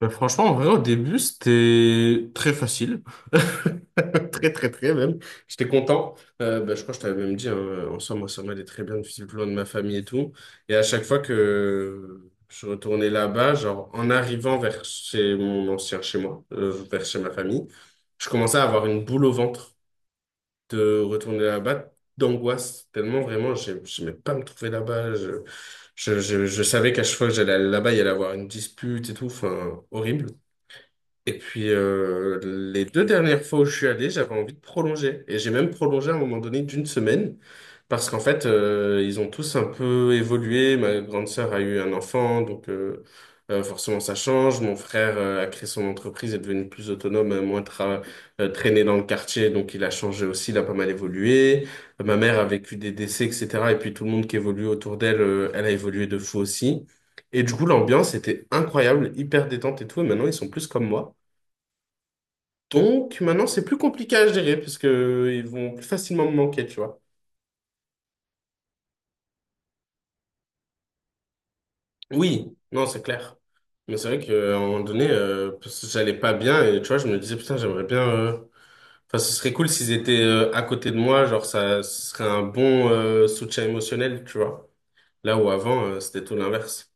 Bah, franchement, en vrai, au début, c'était très facile. Très, très, très même. J'étais content. Je crois que je t'avais même dit, hein, en soi, moi ça m'allait très bien, depuis le plan de ma famille et tout. Et à chaque fois que je retournais là-bas, genre, en arrivant vers chez mon ancien chez moi, vers chez ma famille, je commençais à avoir une boule au ventre de retourner là-bas, d'angoisse. Tellement, vraiment, j'aimais pas me trouver là-bas. Je savais qu'à chaque fois que j'allais là-bas, il y allait avoir une dispute et tout. Enfin, horrible. Et puis, les deux dernières fois où je suis allé, j'avais envie de prolonger. Et j'ai même prolongé à un moment donné d'une semaine. Parce qu'en fait, ils ont tous un peu évolué. Ma grande sœur a eu un enfant, donc forcément ça change. Mon frère a créé son entreprise, est devenu plus autonome, moins traîné dans le quartier, donc il a changé aussi, il a pas mal évolué. Ma mère a vécu des décès, etc. Et puis tout le monde qui évolue autour d'elle, elle a évolué de fou aussi. Et du coup, l'ambiance était incroyable, hyper détente et tout. Et maintenant, ils sont plus comme moi. Donc maintenant, c'est plus compliqué à gérer parce que ils vont plus facilement me manquer, tu vois. Oui, non, c'est clair. Mais c'est vrai qu'à un moment donné, parce que j'allais pas bien et tu vois, je me disais, putain, j'aimerais bien... Enfin, ce serait cool s'ils étaient à côté de moi, genre ça ce serait un bon soutien émotionnel, tu vois. Là où avant, c'était tout l'inverse.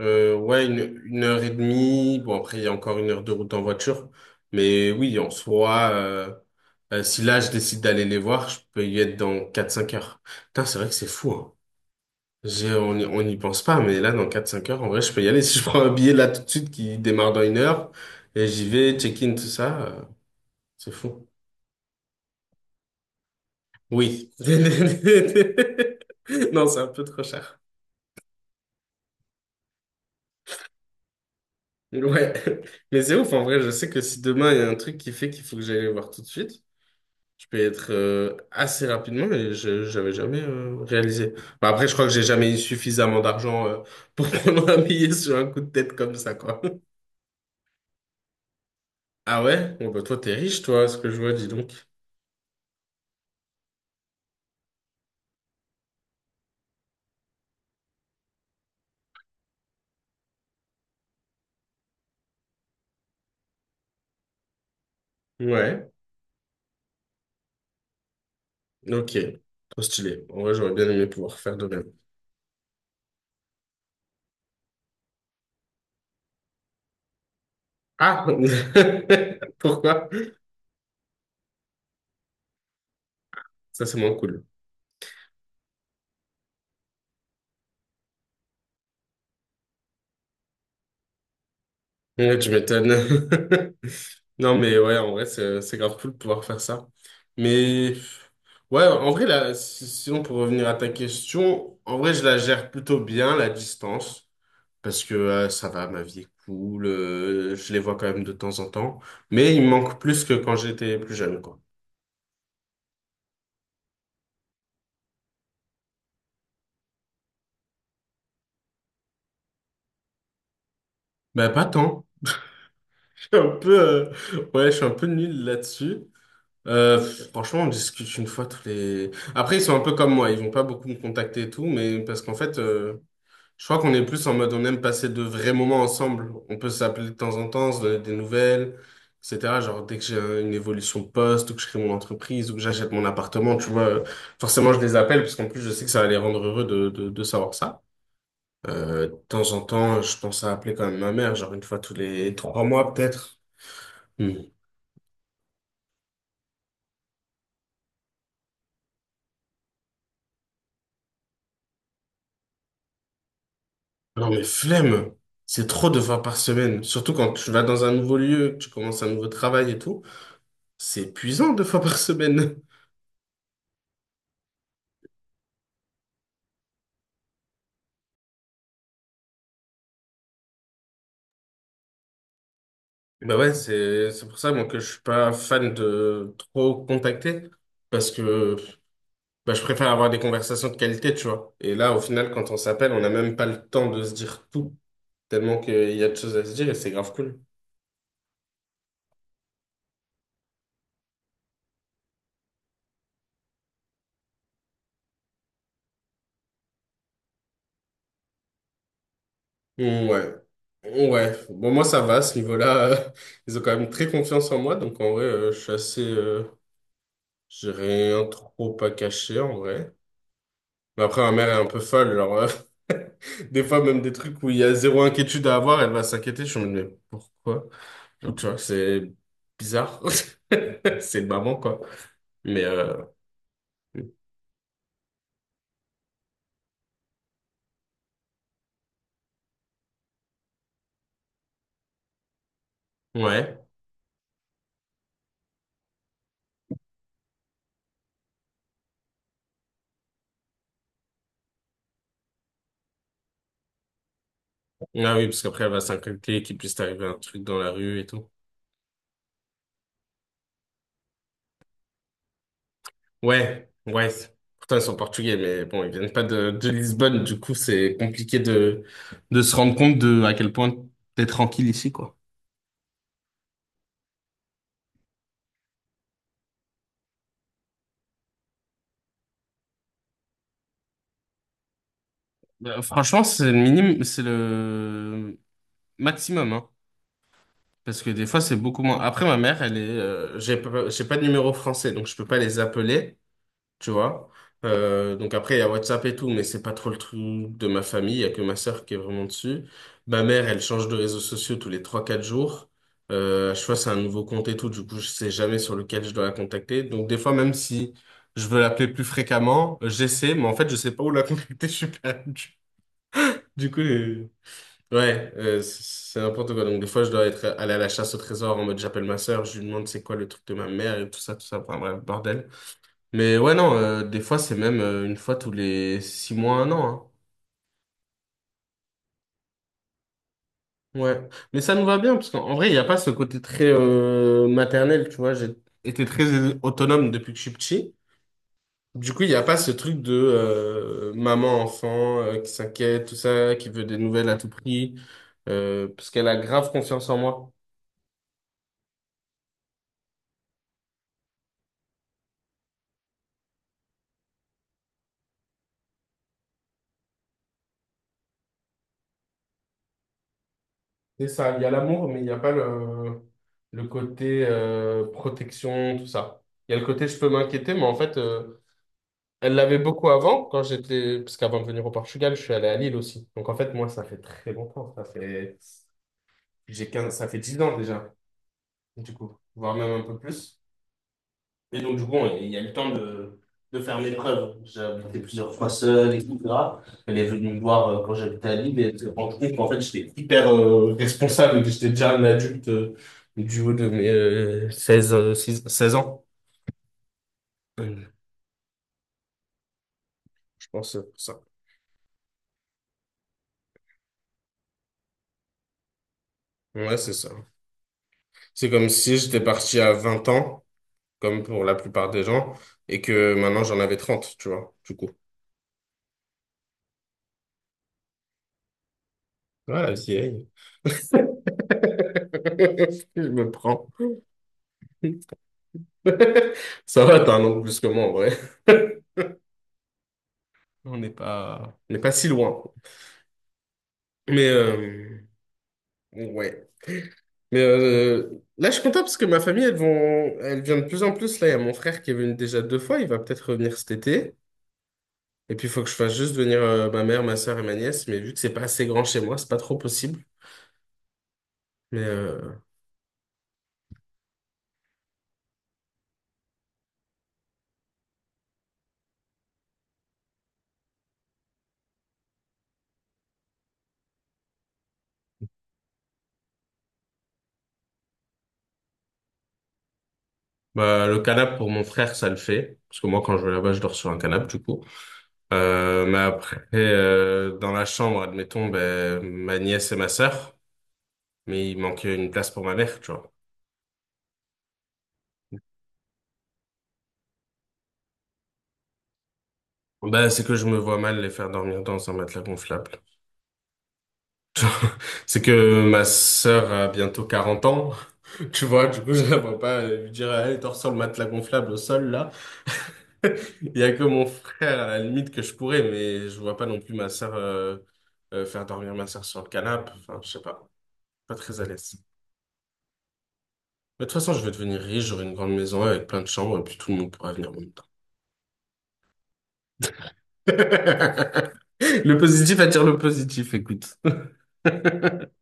Ouais, une heure et demie. Bon, après, il y a encore 1 heure de route en voiture. Mais oui, en soi, si là, je décide d'aller les voir, je peux y être dans 4 5 heures. Putain, c'est vrai que c'est fou, hein. On n'y pense pas, mais là, dans 4 5 heures, en vrai, je peux y aller. Si je prends un billet là tout de suite qui démarre dans 1 heure, et j'y vais, check-in, tout ça, c'est fou. Oui. Non, c'est un peu trop cher. Ouais. Mais c'est ouf, en vrai, je sais que si demain, il y a un truc qui fait qu'il faut que j'aille les voir tout de suite. Je peux être assez rapidement, mais je j'avais jamais réalisé. Bah, après, je crois que j'ai jamais eu suffisamment d'argent pour prendre un billet sur un coup de tête comme ça, quoi. Ah ouais? Bon, bah, toi, t'es riche, toi, à ce que je vois, dis donc. Ouais, ok. Trop stylé. En vrai, j'aurais bien aimé pouvoir faire de même. Ah! Pourquoi? Ça, c'est moins cool. Ouais, tu m'étonnes. Non, mais ouais, en vrai, c'est grave cool de pouvoir faire ça. Mais ouais, en vrai, là, sinon, pour revenir à ta question, en vrai, je la gère plutôt bien, la distance, parce que ça va, ma vie est cool, je les vois quand même de temps en temps, mais il me manque plus que quand j'étais plus jeune, quoi. Bah, pas tant. Je suis un peu, ouais, je suis un peu nul là-dessus. Euh, Franchement, on discute une fois tous les... Après, ils sont un peu comme moi, ils vont pas beaucoup me contacter et tout, mais parce qu'en fait... Je crois qu'on est plus en mode on aime passer de vrais moments ensemble. On peut s'appeler de temps en temps, se donner des nouvelles, etc. Genre dès que une évolution de poste ou que je crée mon entreprise ou que j'achète mon appartement, tu vois, forcément je les appelle parce qu'en plus je sais que ça va les rendre heureux de savoir ça. De temps en temps, je pense à appeler quand même ma mère, genre une fois tous les 3 mois peut-être. Hmm. Non mais flemme, c'est trop de fois par semaine. Surtout quand tu vas dans un nouveau lieu, que tu commences un nouveau travail et tout, c'est épuisant 2 fois par semaine. Bah ouais, c'est pour ça moi que je suis pas fan de trop contacter parce que bah, je préfère avoir des conversations de qualité, tu vois. Et là, au final, quand on s'appelle, on n'a même pas le temps de se dire tout tellement qu'il y a de choses à se dire et c'est grave cool. Mm, ouais, ouais. Bon, moi ça va à ce niveau-là. Ils ont quand même très confiance en moi, donc en vrai, je suis assez, j'ai rien trop à cacher en vrai. Mais après, ma mère est un peu folle, genre des fois même des trucs où il y a zéro inquiétude à avoir, elle va s'inquiéter. Je me dis mais pourquoi? Donc, tu vois, c'est bizarre. C'est une maman, quoi. Mais, ouais. Ah oui, parce qu'après, elle va s'inquiéter qu'il puisse t'arriver un truc dans la rue et tout. Ouais, ouais. Pourtant, ils sont portugais, mais bon, ils viennent pas de Lisbonne. Du coup, c'est compliqué de se rendre compte de à quel point t'es tranquille ici, quoi. Bah, franchement, c'est le minimum, c'est le maximum, hein. Parce que des fois, c'est beaucoup moins. Après, ma mère, elle est, j'ai pas de numéro français, donc je peux pas les appeler. Tu vois. Donc après, il y a WhatsApp et tout, mais c'est pas trop le truc de ma famille. Il y a que ma sœur qui est vraiment dessus. Ma mère, elle change de réseaux sociaux tous les 3 4 jours. À chaque fois, c'est un nouveau compte et tout. Du coup, je sais jamais sur lequel je dois la contacter. Donc des fois, même si je veux l'appeler plus fréquemment, j'essaie, mais en fait, je sais pas où la contacter. Je suis perdu. Du coup, ouais, c'est n'importe quoi. Donc des fois, je dois être allé à la chasse au trésor en mode j'appelle ma sœur, je lui demande c'est quoi le truc de ma mère et tout ça, tout ça. Enfin bref, bordel. Mais ouais, non, des fois, c'est même une fois tous les 6 mois, 1 an. Hein. Ouais. Mais ça nous va bien, parce qu'en en vrai, il n'y a pas ce côté très maternel, tu vois. J'ai été très autonome depuis que je suis petit. Du coup, il n'y a pas ce truc de maman-enfant qui s'inquiète, tout ça, qui veut des nouvelles à tout prix, parce qu'elle a grave confiance en moi. C'est ça, il y a l'amour, mais il n'y a pas le côté protection, tout ça. Il y a le côté je peux m'inquiéter, mais en fait... Elle l'avait beaucoup avant, quand j'étais, parce qu'avant de venir au Portugal, je suis allé à Lille aussi. Donc en fait, moi, ça fait très longtemps. Ça fait, j'ai 15, ça fait 10 ans déjà, du coup, voire même un peu plus. Et donc, du coup, il y a eu le temps de faire mes preuves. J'ai habité plusieurs fois seul, etc. Elle est venue me voir quand j'habitais à Lille et elle s'est rendue compte qu'en fait, j'étais hyper responsable que j'étais déjà un adulte du haut de mes 16 6 16 ans. Euh, Je pense que c'est pour ça. Ouais, c'est ça. C'est comme si j'étais parti à 20 ans, comme pour la plupart des gens, et que maintenant j'en avais 30, tu vois, du coup. Voilà, vieille. Je me prends. Ça va, t'as 1 an de plus que moi, en vrai. On n'est pas si loin. Mais, ouais. Mais là, je suis content parce que ma famille, elle vient de plus en plus. Là, il y a mon frère qui est venu déjà 2 fois. Il va peut-être revenir cet été. Et puis, il faut que je fasse juste venir ma mère, ma soeur et ma nièce. Mais vu que c'est pas assez grand chez moi, c'est pas trop possible. Mais, euh, Bah, le canap pour mon frère, ça le fait. Parce que moi, quand je vais là-bas, je dors sur un canap du coup. Mais après, dans la chambre, admettons, ben, ma nièce et ma sœur, mais il manquait une place pour ma mère, tu vois. Bah, c'est que je me vois mal les faire dormir dans un matelas gonflable. C'est que ma sœur a bientôt 40 ans. Tu vois, du coup, je la vois pas lui dire, allez, dors sur le matelas gonflable au sol, là. Il y a que mon frère, à la limite, que je pourrais, mais je vois pas non plus ma sœur, faire dormir ma sœur sur le canapé. Enfin, je sais pas. Pas très à l'aise. Mais de toute façon, je vais devenir riche, j'aurai une grande maison avec plein de chambres et puis tout le monde pourra venir en même temps. Le positif attire le positif, écoute.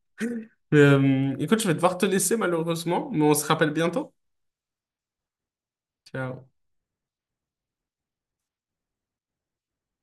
Écoute, je vais devoir te laisser malheureusement, mais on se rappelle bientôt. Ciao.